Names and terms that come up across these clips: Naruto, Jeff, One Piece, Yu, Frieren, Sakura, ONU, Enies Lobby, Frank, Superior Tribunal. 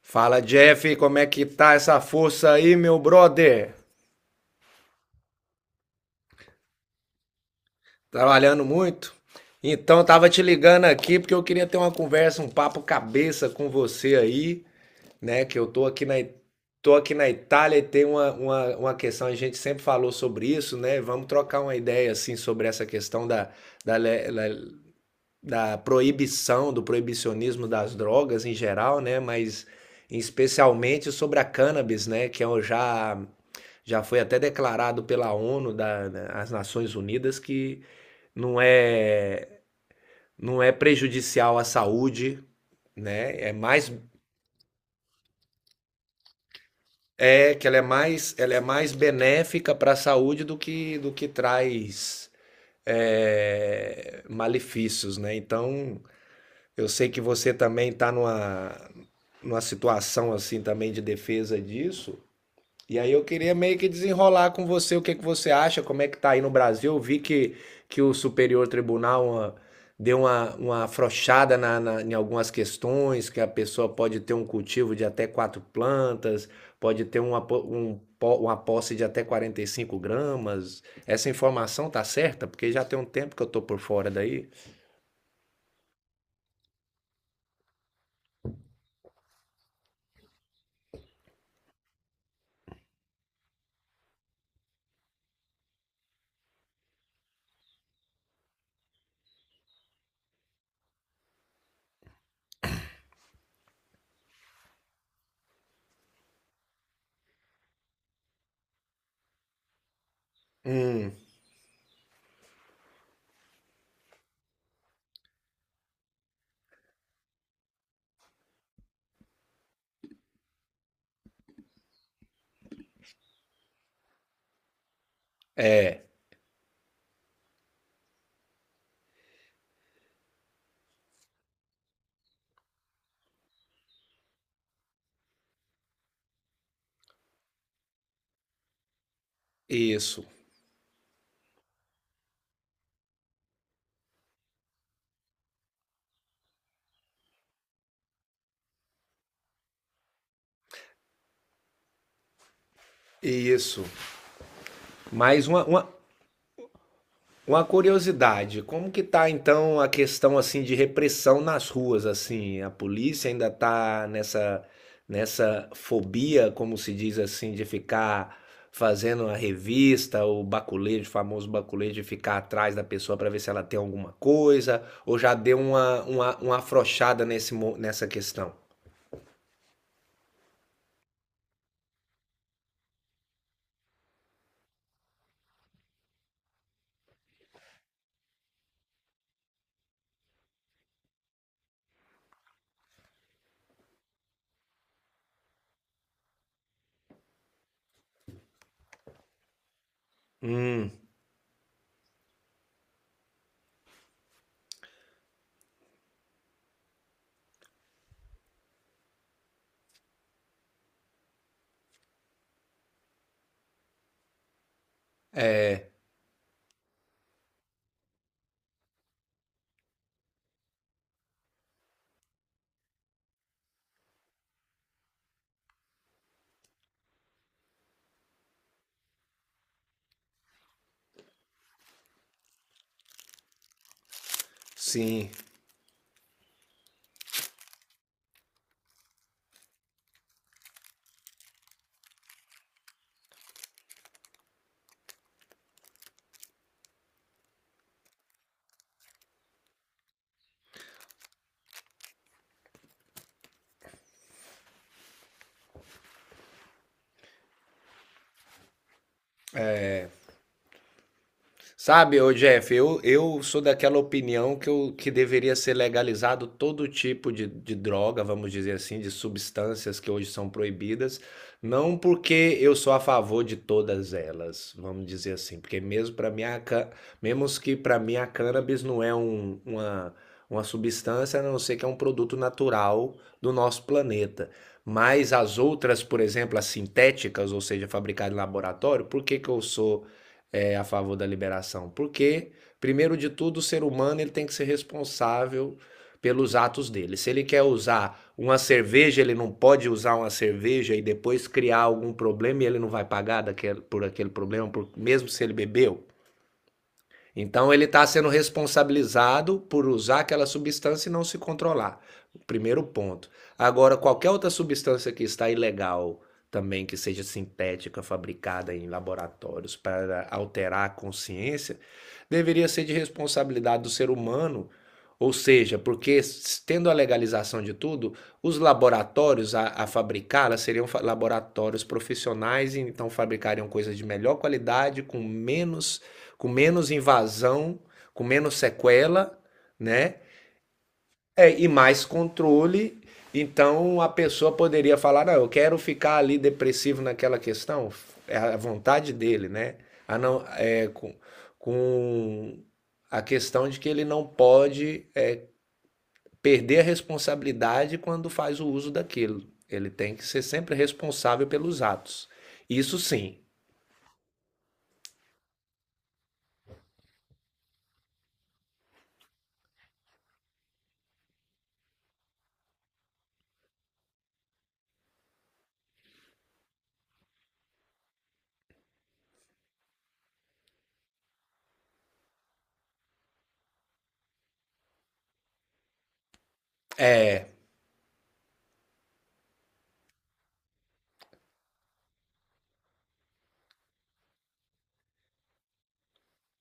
Fala Jeff, como é que tá essa força aí, meu brother? Trabalhando muito? Então, eu tava te ligando aqui porque eu queria ter uma conversa, um papo cabeça com você aí, né? Que eu tô aqui na, tô aqui na Itália e tem uma questão, a gente sempre falou sobre isso, né? Vamos trocar uma ideia, assim, sobre essa questão da, le- le- da proibição, do proibicionismo das drogas em geral, né? Mas especialmente sobre a cannabis, né? Que eu já Já foi até declarado pela ONU, da, né, as Nações Unidas, que não é, não é prejudicial à saúde, né? É mais é que ela é mais benéfica para a saúde do que traz malefícios, né? Então, eu sei que você também está numa situação assim também de defesa disso. E aí eu queria meio que desenrolar com você o que que você acha, como é que tá aí no Brasil. Eu vi que o Superior Tribunal deu uma afrouxada em algumas questões, que a pessoa pode ter um cultivo de até quatro plantas, pode ter uma, po- um, po- uma posse de até 45 gramas. Essa informação tá certa? Porque já tem um tempo que eu tô por fora daí. Hum, é, isso. Isso. Mais uma, uma, Uma curiosidade, como que tá então a questão assim de repressão nas ruas assim? A polícia ainda tá nessa nessa fobia, como se diz assim, de ficar fazendo a revista, o baculejo, o famoso baculejo de ficar atrás da pessoa para ver se ela tem alguma coisa, ou já deu uma afrouxada nessa questão? Hum, sim. Sabe, ô Jeff, eu sou daquela opinião que deveria ser legalizado todo tipo de droga, vamos dizer assim, de substâncias que hoje são proibidas, não porque eu sou a favor de todas elas, vamos dizer assim, porque mesmo para mim a, ca- mesmo que para mim a cannabis não é uma substância, a não ser que é um produto natural do nosso planeta. Mas as outras, por exemplo, as sintéticas, ou seja, fabricadas em laboratório, por que que eu sou a favor da liberação. Porque, primeiro de tudo, o ser humano ele tem que ser responsável pelos atos dele. Se ele quer usar uma cerveja, ele não pode usar uma cerveja e depois criar algum problema e ele não vai pagar por aquele problema, mesmo se ele bebeu. Então ele está sendo responsabilizado por usar aquela substância e não se controlar. Primeiro ponto. Agora, qualquer outra substância que está ilegal também, que seja sintética, fabricada em laboratórios para alterar a consciência, deveria ser de responsabilidade do ser humano. Ou seja, porque tendo a legalização de tudo, os laboratórios a fabricá-la seriam laboratórios profissionais, e então fabricariam coisas de melhor qualidade, com menos invasão, com menos sequela, né? É, e mais controle. Então a pessoa poderia falar: não, eu quero ficar ali depressivo naquela questão. É a vontade dele, né? A não, é, com a questão de que ele não pode perder a responsabilidade quando faz o uso daquilo. Ele tem que ser sempre responsável pelos atos. Isso sim,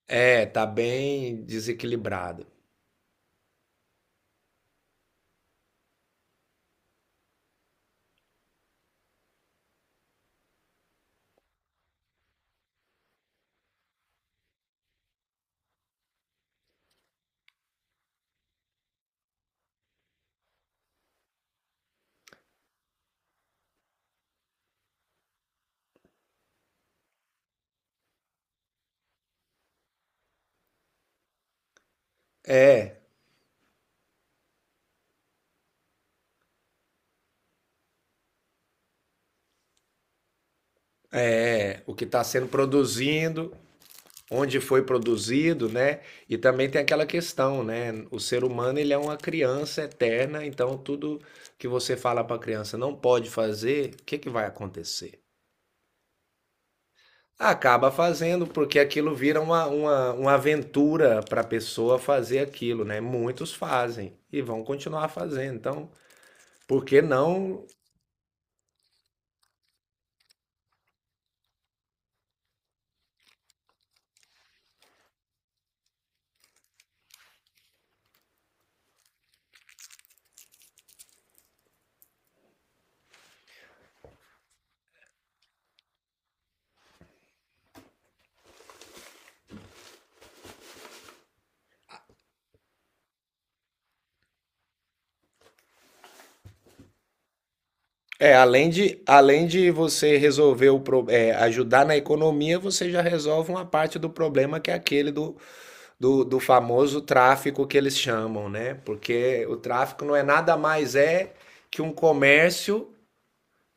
é, tá bem desequilibrado. É, é, o que está sendo produzindo, onde foi produzido, né? E também tem aquela questão, né? O ser humano ele é uma criança eterna, então tudo que você fala para a criança não pode fazer, o que, que vai acontecer? Acaba fazendo, porque aquilo vira uma aventura para a pessoa fazer aquilo, né? Muitos fazem e vão continuar fazendo. Então, por que não É, além de você resolver ajudar na economia, você já resolve uma parte do problema que é aquele do famoso tráfico que eles chamam, né? Porque o tráfico não é nada mais é que um comércio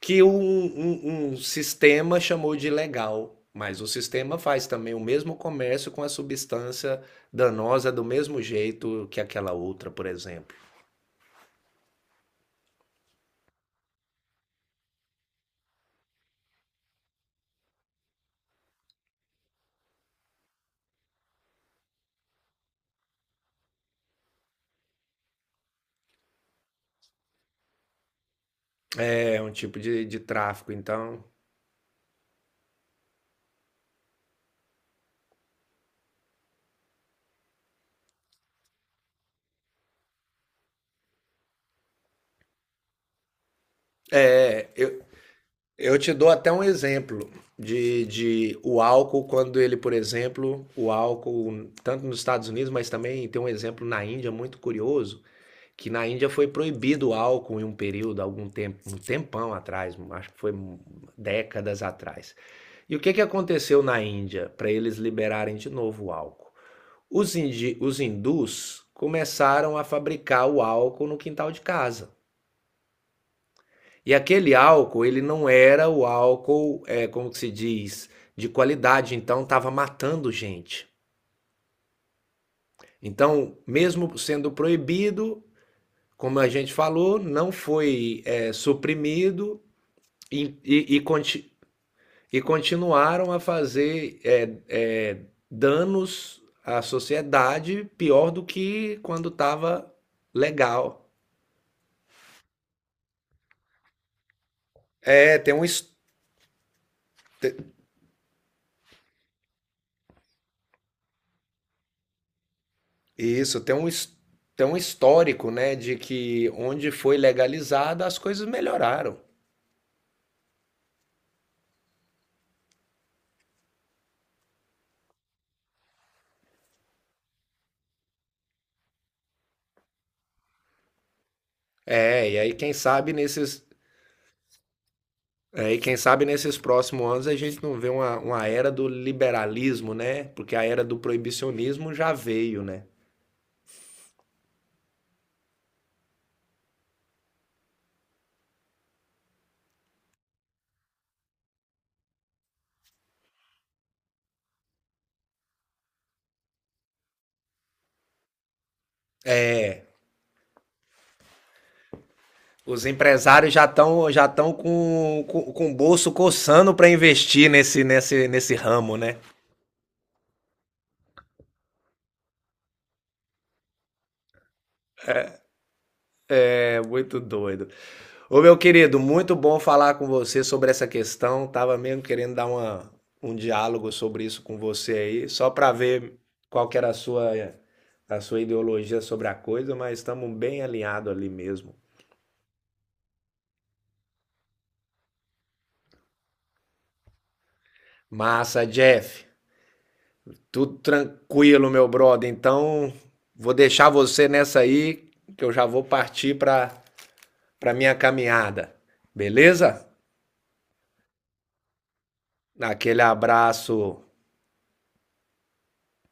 que um sistema chamou de legal. Mas o sistema faz também o mesmo comércio com a substância danosa do mesmo jeito que aquela outra, por exemplo. É um tipo de tráfico. Então, eu te dou até um exemplo de o álcool, quando ele, por exemplo, o álcool, tanto nos Estados Unidos, mas também tem um exemplo na Índia muito curioso, que na Índia foi proibido o álcool em um período, algum tempo, um tempão atrás, acho que foi décadas atrás. E o que que aconteceu na Índia para eles liberarem de novo o álcool? Os hindus começaram a fabricar o álcool no quintal de casa. E aquele álcool, ele não era o álcool, como que se diz, de qualidade, então estava matando gente. Então, mesmo sendo proibido, como a gente falou, não foi suprimido e e continuaram a fazer danos à sociedade pior do que quando estava legal. É, tem um, his- Isso, tem um histórico, né, de que onde foi legalizada as coisas melhoraram. É, e aí quem sabe nesses, e quem sabe nesses próximos anos a gente não vê uma era do liberalismo, né? Porque a era do proibicionismo já veio, né? É, os empresários já estão com o bolso coçando para investir nesse ramo, né? É muito doido. Ô, meu querido, muito bom falar com você sobre essa questão. Tava mesmo querendo dar um diálogo sobre isso com você aí, só para ver qual que era a sua ideologia sobre a coisa, mas estamos bem alinhados ali mesmo. Massa, Jeff. Tudo tranquilo, meu brother. Então, vou deixar você nessa aí, que eu já vou partir para minha caminhada. Beleza? Aquele abraço